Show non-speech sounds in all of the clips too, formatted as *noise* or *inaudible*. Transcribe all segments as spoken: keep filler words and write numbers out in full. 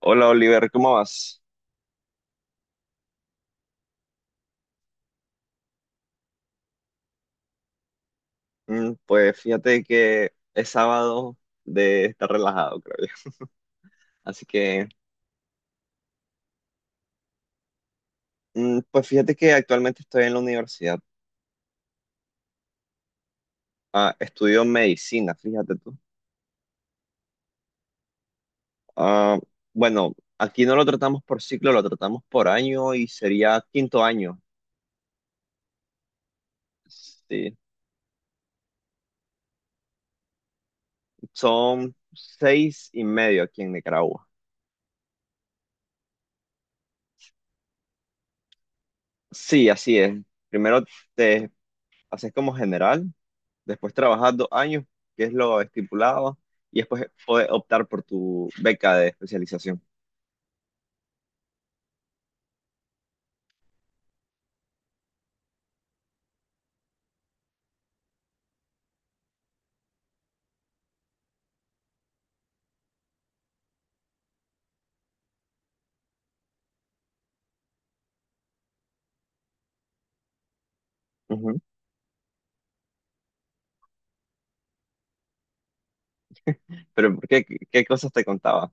Hola Oliver, ¿cómo vas? Mm, Pues fíjate que es sábado de estar relajado, creo yo. Así que, mm, pues fíjate que actualmente estoy en la universidad. Ah, estudio medicina, fíjate tú. Ah, bueno, aquí no lo tratamos por ciclo, lo tratamos por año y sería quinto año. Sí, son seis y medio aquí en Nicaragua. Sí, así es. Primero te haces como general. Después trabajas dos años, que es lo estipulado, y después puedes optar por tu beca de especialización. Ujú. Pero ¿por ¿qué, qué cosas te contaba?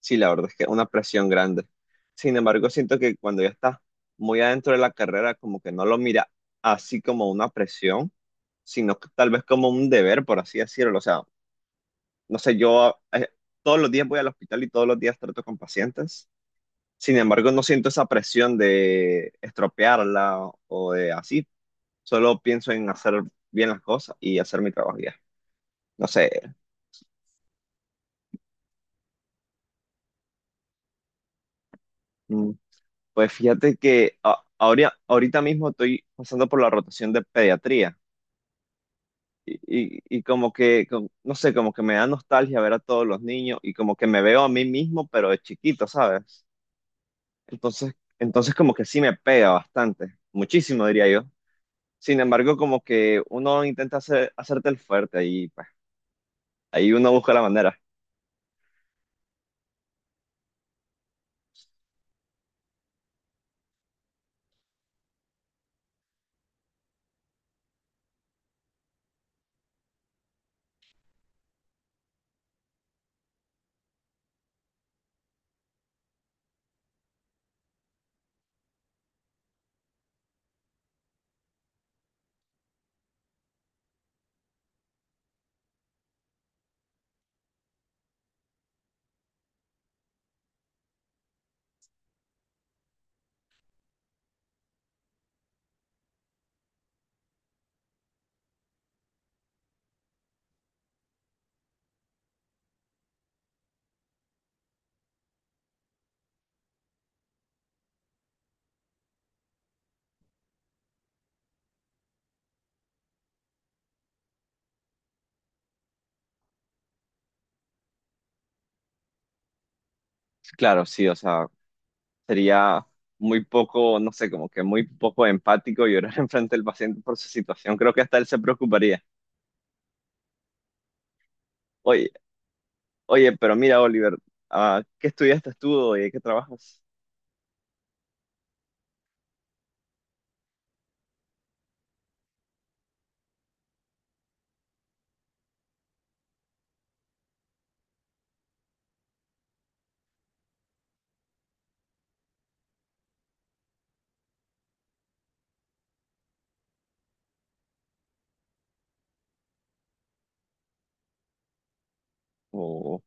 Sí, la verdad es que una presión grande. Sin embargo, siento que cuando ya estás muy adentro de la carrera, como que no lo mira así como una presión, sino que tal vez como un deber, por así decirlo. O sea, no sé, yo eh, todos los días voy al hospital y todos los días trato con pacientes. Sin embargo, no siento esa presión de estropearla o de así, solo pienso en hacer bien las cosas y hacer mi trabajo ya. No sé. mm, Pues fíjate que a- ahora, ahorita mismo estoy pasando por la rotación de pediatría. Y, y- y como que, com- no sé, como que me da nostalgia ver a todos los niños y como que me veo a mí mismo, pero de chiquito, ¿sabes? Entonces, entonces como que sí me pega bastante, muchísimo diría yo. Sin embargo, como que uno intenta hacer, hacerte el fuerte y pues, ahí uno busca la manera. Claro, sí, o sea, sería muy poco, no sé, como que muy poco empático llorar *laughs* enfrente del paciente por su situación. Creo que hasta él se preocuparía. Oye, oye, pero mira, Oliver, ah, ¿qué estudiaste tú y qué trabajas? O,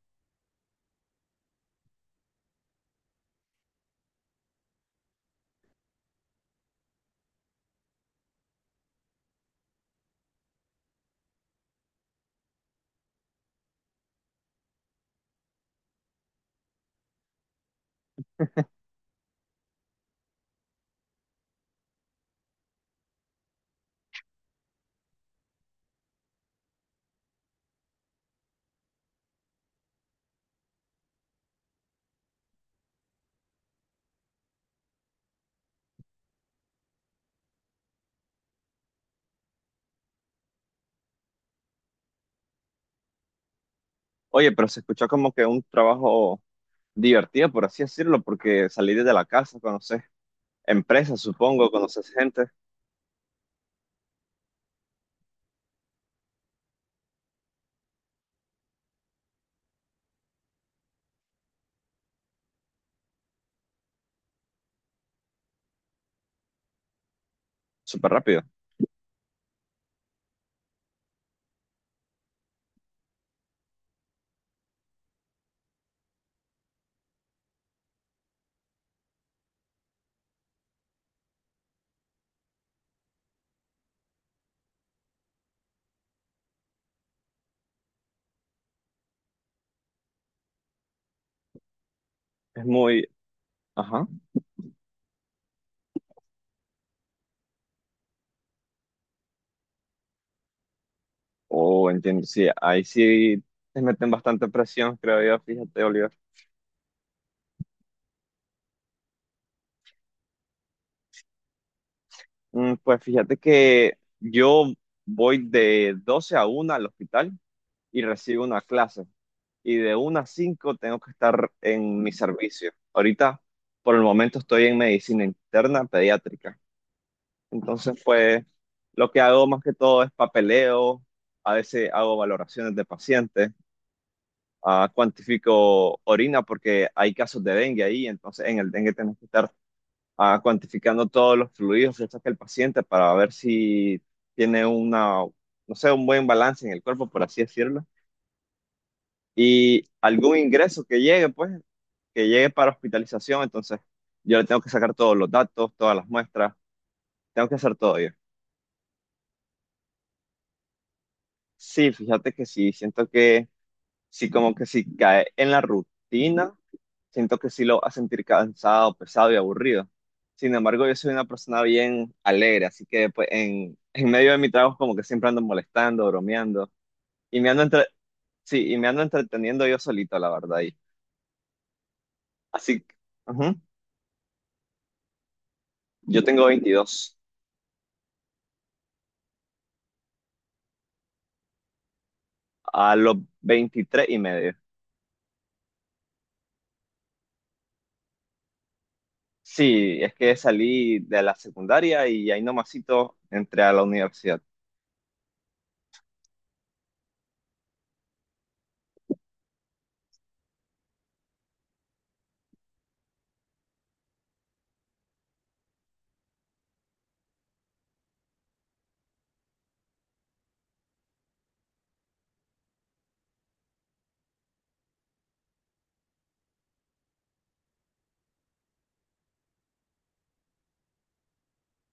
oye, pero se escuchó como que un trabajo divertido, por así decirlo, porque salir de la casa, conoces empresas, supongo, conoces gente súper rápido. Es muy, ajá, o entiendo, sí, ahí sí te meten bastante presión, creo yo, fíjate, Oliver. Mm, Pues fíjate que yo voy de doce a una al hospital y recibo una clase. Y de una a cinco tengo que estar en mi servicio. Ahorita, por el momento, estoy en medicina interna pediátrica. Entonces, pues, lo que hago más que todo es papeleo. A veces hago valoraciones de pacientes. Ah, cuantifico orina porque hay casos de dengue ahí. Entonces, en el dengue tenemos que estar ah, cuantificando todos los fluidos que saca el paciente para ver si tiene una, no sé, un buen balance en el cuerpo, por así decirlo, y algún ingreso que llegue, pues, que llegue para hospitalización. Entonces yo le tengo que sacar todos los datos, todas las muestras, tengo que hacer todo yo. Sí, fíjate que sí, siento que sí, como que sí cae en la rutina, siento que sí lo va a sentir cansado, pesado y aburrido. Sin embargo, yo soy una persona bien alegre, así que pues, en, en medio de mi trabajo como que siempre ando molestando, bromeando y me ando entre- sí, y me ando entreteniendo yo solito, la verdad. Y, así que, ujú, yo tengo veintidós. A los veintitrés y medio. Sí, es que salí de la secundaria y ahí nomasito entré a la universidad.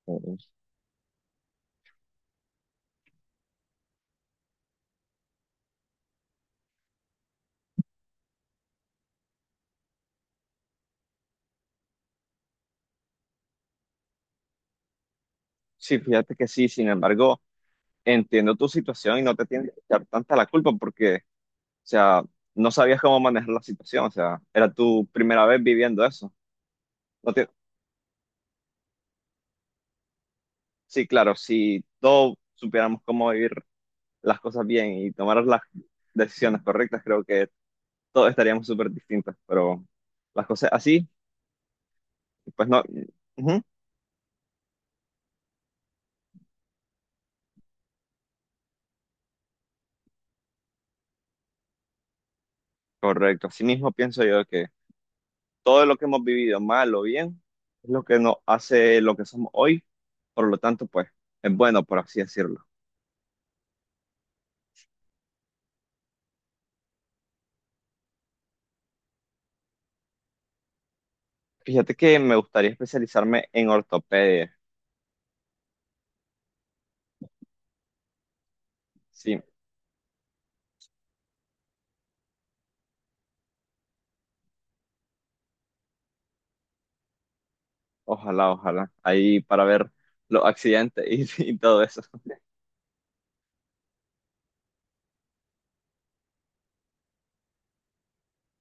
Ujú. Sí, fíjate que sí, sin embargo, entiendo tu situación y no te tienes que echar tanta la culpa porque, o sea, no sabías cómo manejar la situación, o sea, era tu primera vez viviendo eso. No te- Sí, claro, si todos supiéramos cómo vivir las cosas bien y tomar las decisiones correctas, creo que todos estaríamos súper distintos, pero las cosas así, pues no. Ujú, correcto, así mismo pienso yo que todo lo que hemos vivido, mal o bien, es lo que nos hace lo que somos hoy, por lo tanto, pues es bueno, por así decirlo. Fíjate que me gustaría especializarme en ortopedia. Sí, ojalá, ojalá. Ahí para ver los accidentes y, *laughs* y todo eso.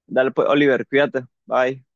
Dale pues, Oliver, cuídate. Bye.